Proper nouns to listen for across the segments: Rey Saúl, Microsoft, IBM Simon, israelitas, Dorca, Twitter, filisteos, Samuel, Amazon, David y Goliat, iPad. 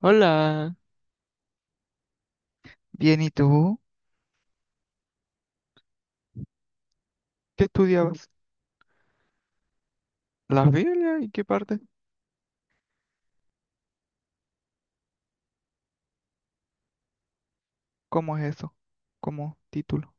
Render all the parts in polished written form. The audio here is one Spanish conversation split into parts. Hola, bien, ¿y tú? ¿Qué estudiabas? ¿La Biblia? ¿Y qué parte? ¿Cómo es eso? ¿Cómo título?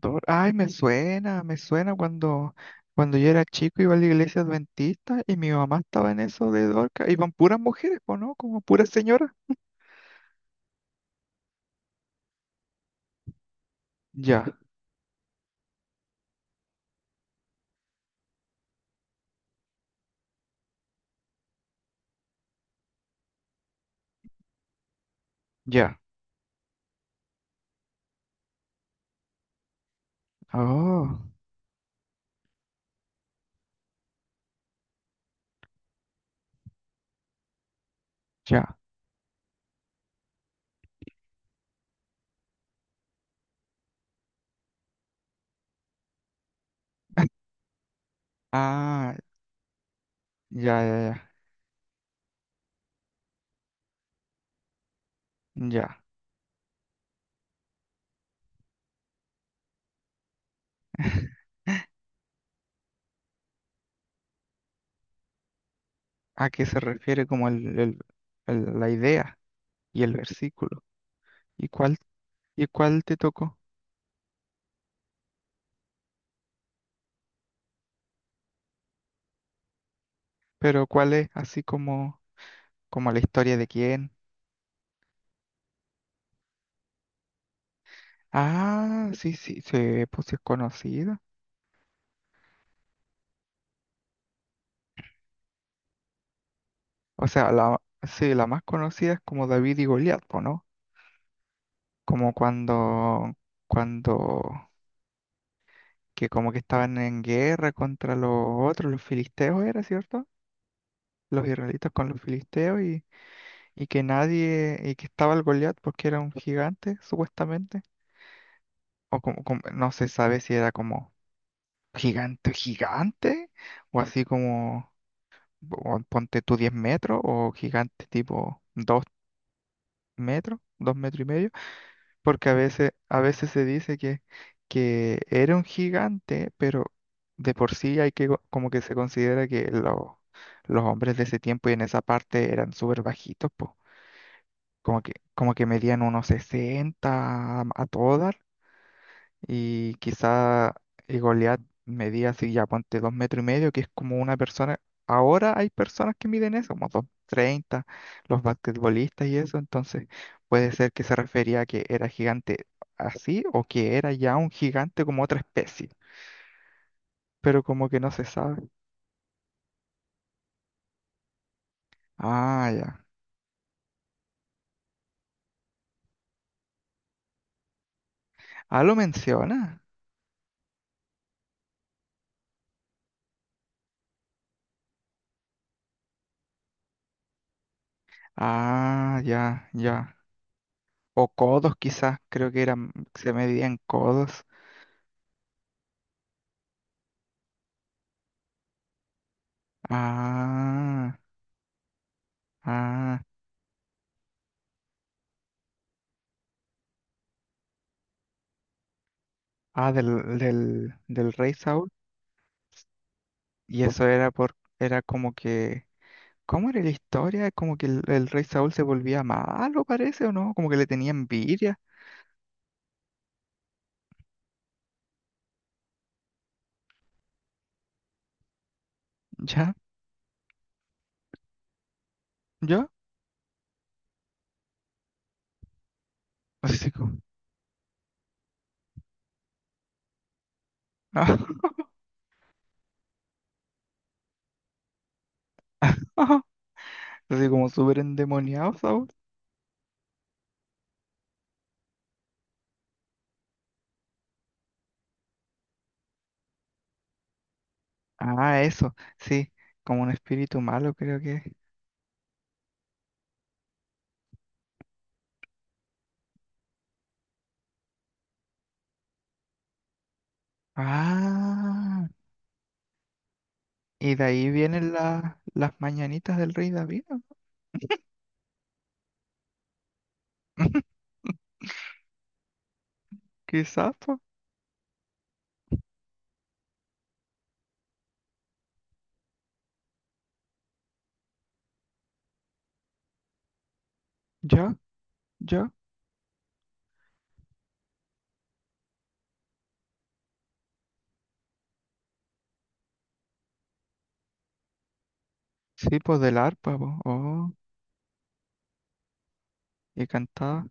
Ay, me suena cuando yo era chico iba a la iglesia adventista y mi mamá estaba en eso de Dorca. Iban puras mujeres, po, ¿no? Como puras señoras. Ya, ya. Oh, ya. Ah, ya, ya, ya. Ya. ¿A qué se refiere como la idea y el versículo? ¿Y cuál, y cuál te tocó? Pero ¿cuál es así como... Como la historia de quién. Ah, sí, sí, sí, pues sí es conocida. O sea, la, sí, la más conocida es como David y Goliat, po, ¿no? Como cuando, que como que estaban en guerra contra los otros, los filisteos era, ¿cierto? Los israelitas con los filisteos y que nadie, y que estaba el Goliat porque era un gigante, supuestamente. O no se sabe si era como gigante, gigante, o así como... o ponte tú 10 metros o gigante tipo 2 metros, 2 metros y medio, porque a veces se dice que era un gigante, pero de por sí como que se considera que los hombres de ese tiempo y en esa parte eran súper bajitos, po. Como que medían unos 60 a todas. Y quizá Goliat medía así, ya ponte 2 metros y medio, que es como una persona. Ahora hay personas que miden eso, como dos treinta, los basquetbolistas y eso. Entonces, puede ser que se refería a que era gigante así o que era ya un gigante como otra especie. Pero como que no se sabe. Ah, ya. Ah, lo menciona. Ah, ya, ya. O codos quizás, creo que eran, se medían codos. Ah, ah. Ah, del Rey Saúl. Y eso era por, era como que, ¿cómo era la historia? Como que el rey Saúl se volvía malo, parece, o no, como que le tenía envidia, ¿ya? ¿Ya? Así como, así como súper endemoniado Saúl. Ah, eso, sí, como un espíritu malo, creo que es. Ah, y de ahí vienen las mañanitas del rey David, ¿no? Quizás, pues, ya, ya. Sí, pues del arpa, pues, que cantaba.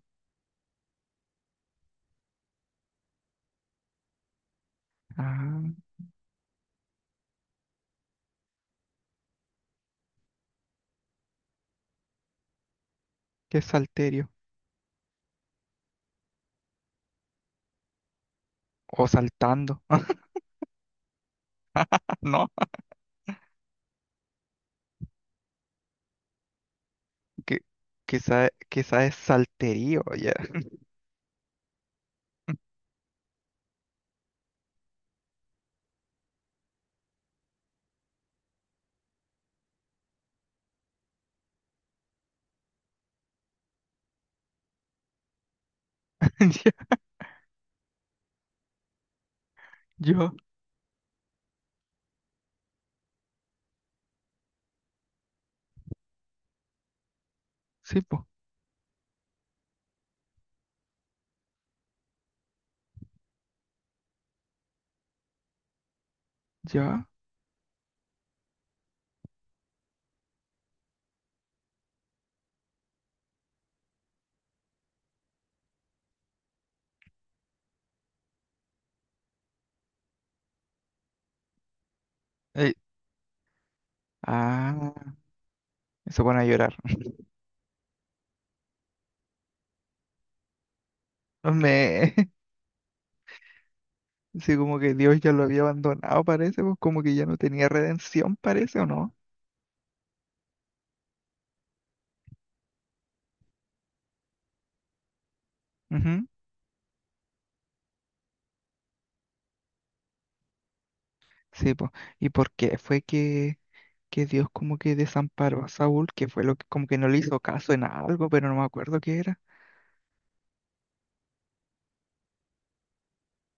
Ah, qué salterio. O saltando. No, que, quizá es salterío, ya. Ya, yo, sí, po, ya. Ey, ah, se pone a llorar. Me, sí, como que Dios ya lo había abandonado, parece, pues como que ya no tenía redención, parece, ¿o no? Ujú, sí, pues. ¿Y por qué fue que Dios como que desamparó a Saúl? Que fue lo que como que no le hizo caso en algo, pero no me acuerdo qué era.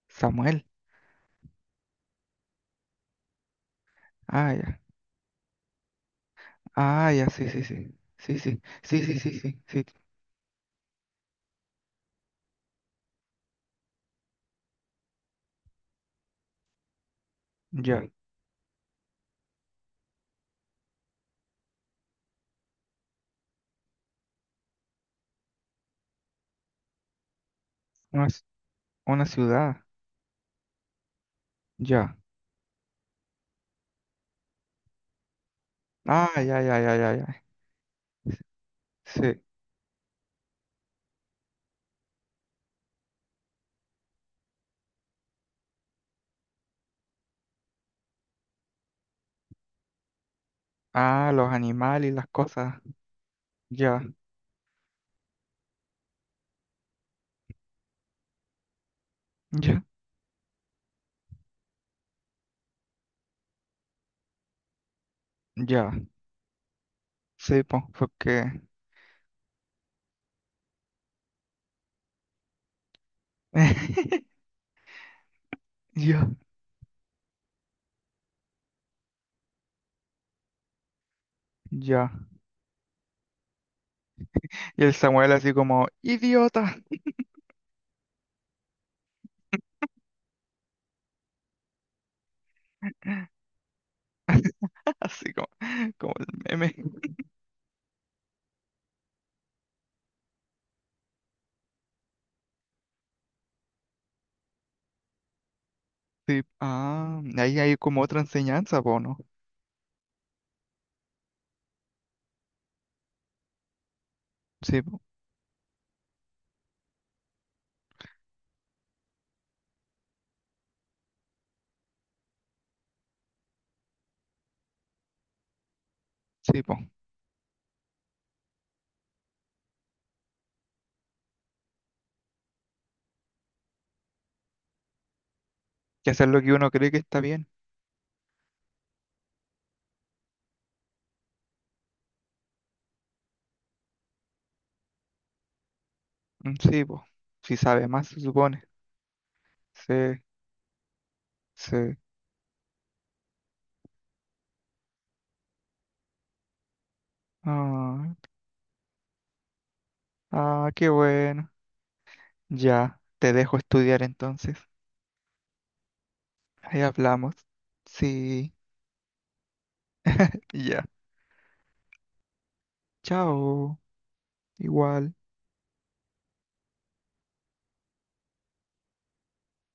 Samuel. Ah, ya. Ah, ya, sí, sí, sí. Sí, sí, sí, sí, sí, sí, sí. Ya. Una, ci- una ciudad. Ya. Ah, ya, ya, ya, ya, ya. Sí. Ah, los animales y las cosas. Ya, ya, ya. Sí, pues, porque. Ya, ya. Y el Samuel así como, idiota. Así como el meme. Sí. Ah, ahí hay como otra enseñanza, po, ¿no? Sí, po. Sí, po. Que hacer lo que uno cree que está bien. Mm, sí, po. Si sabe más, se supone. Sí, sí. Ah, ah, qué bueno. Ya, te dejo estudiar entonces. Ahí hablamos. Sí, ya. Chao. Igual.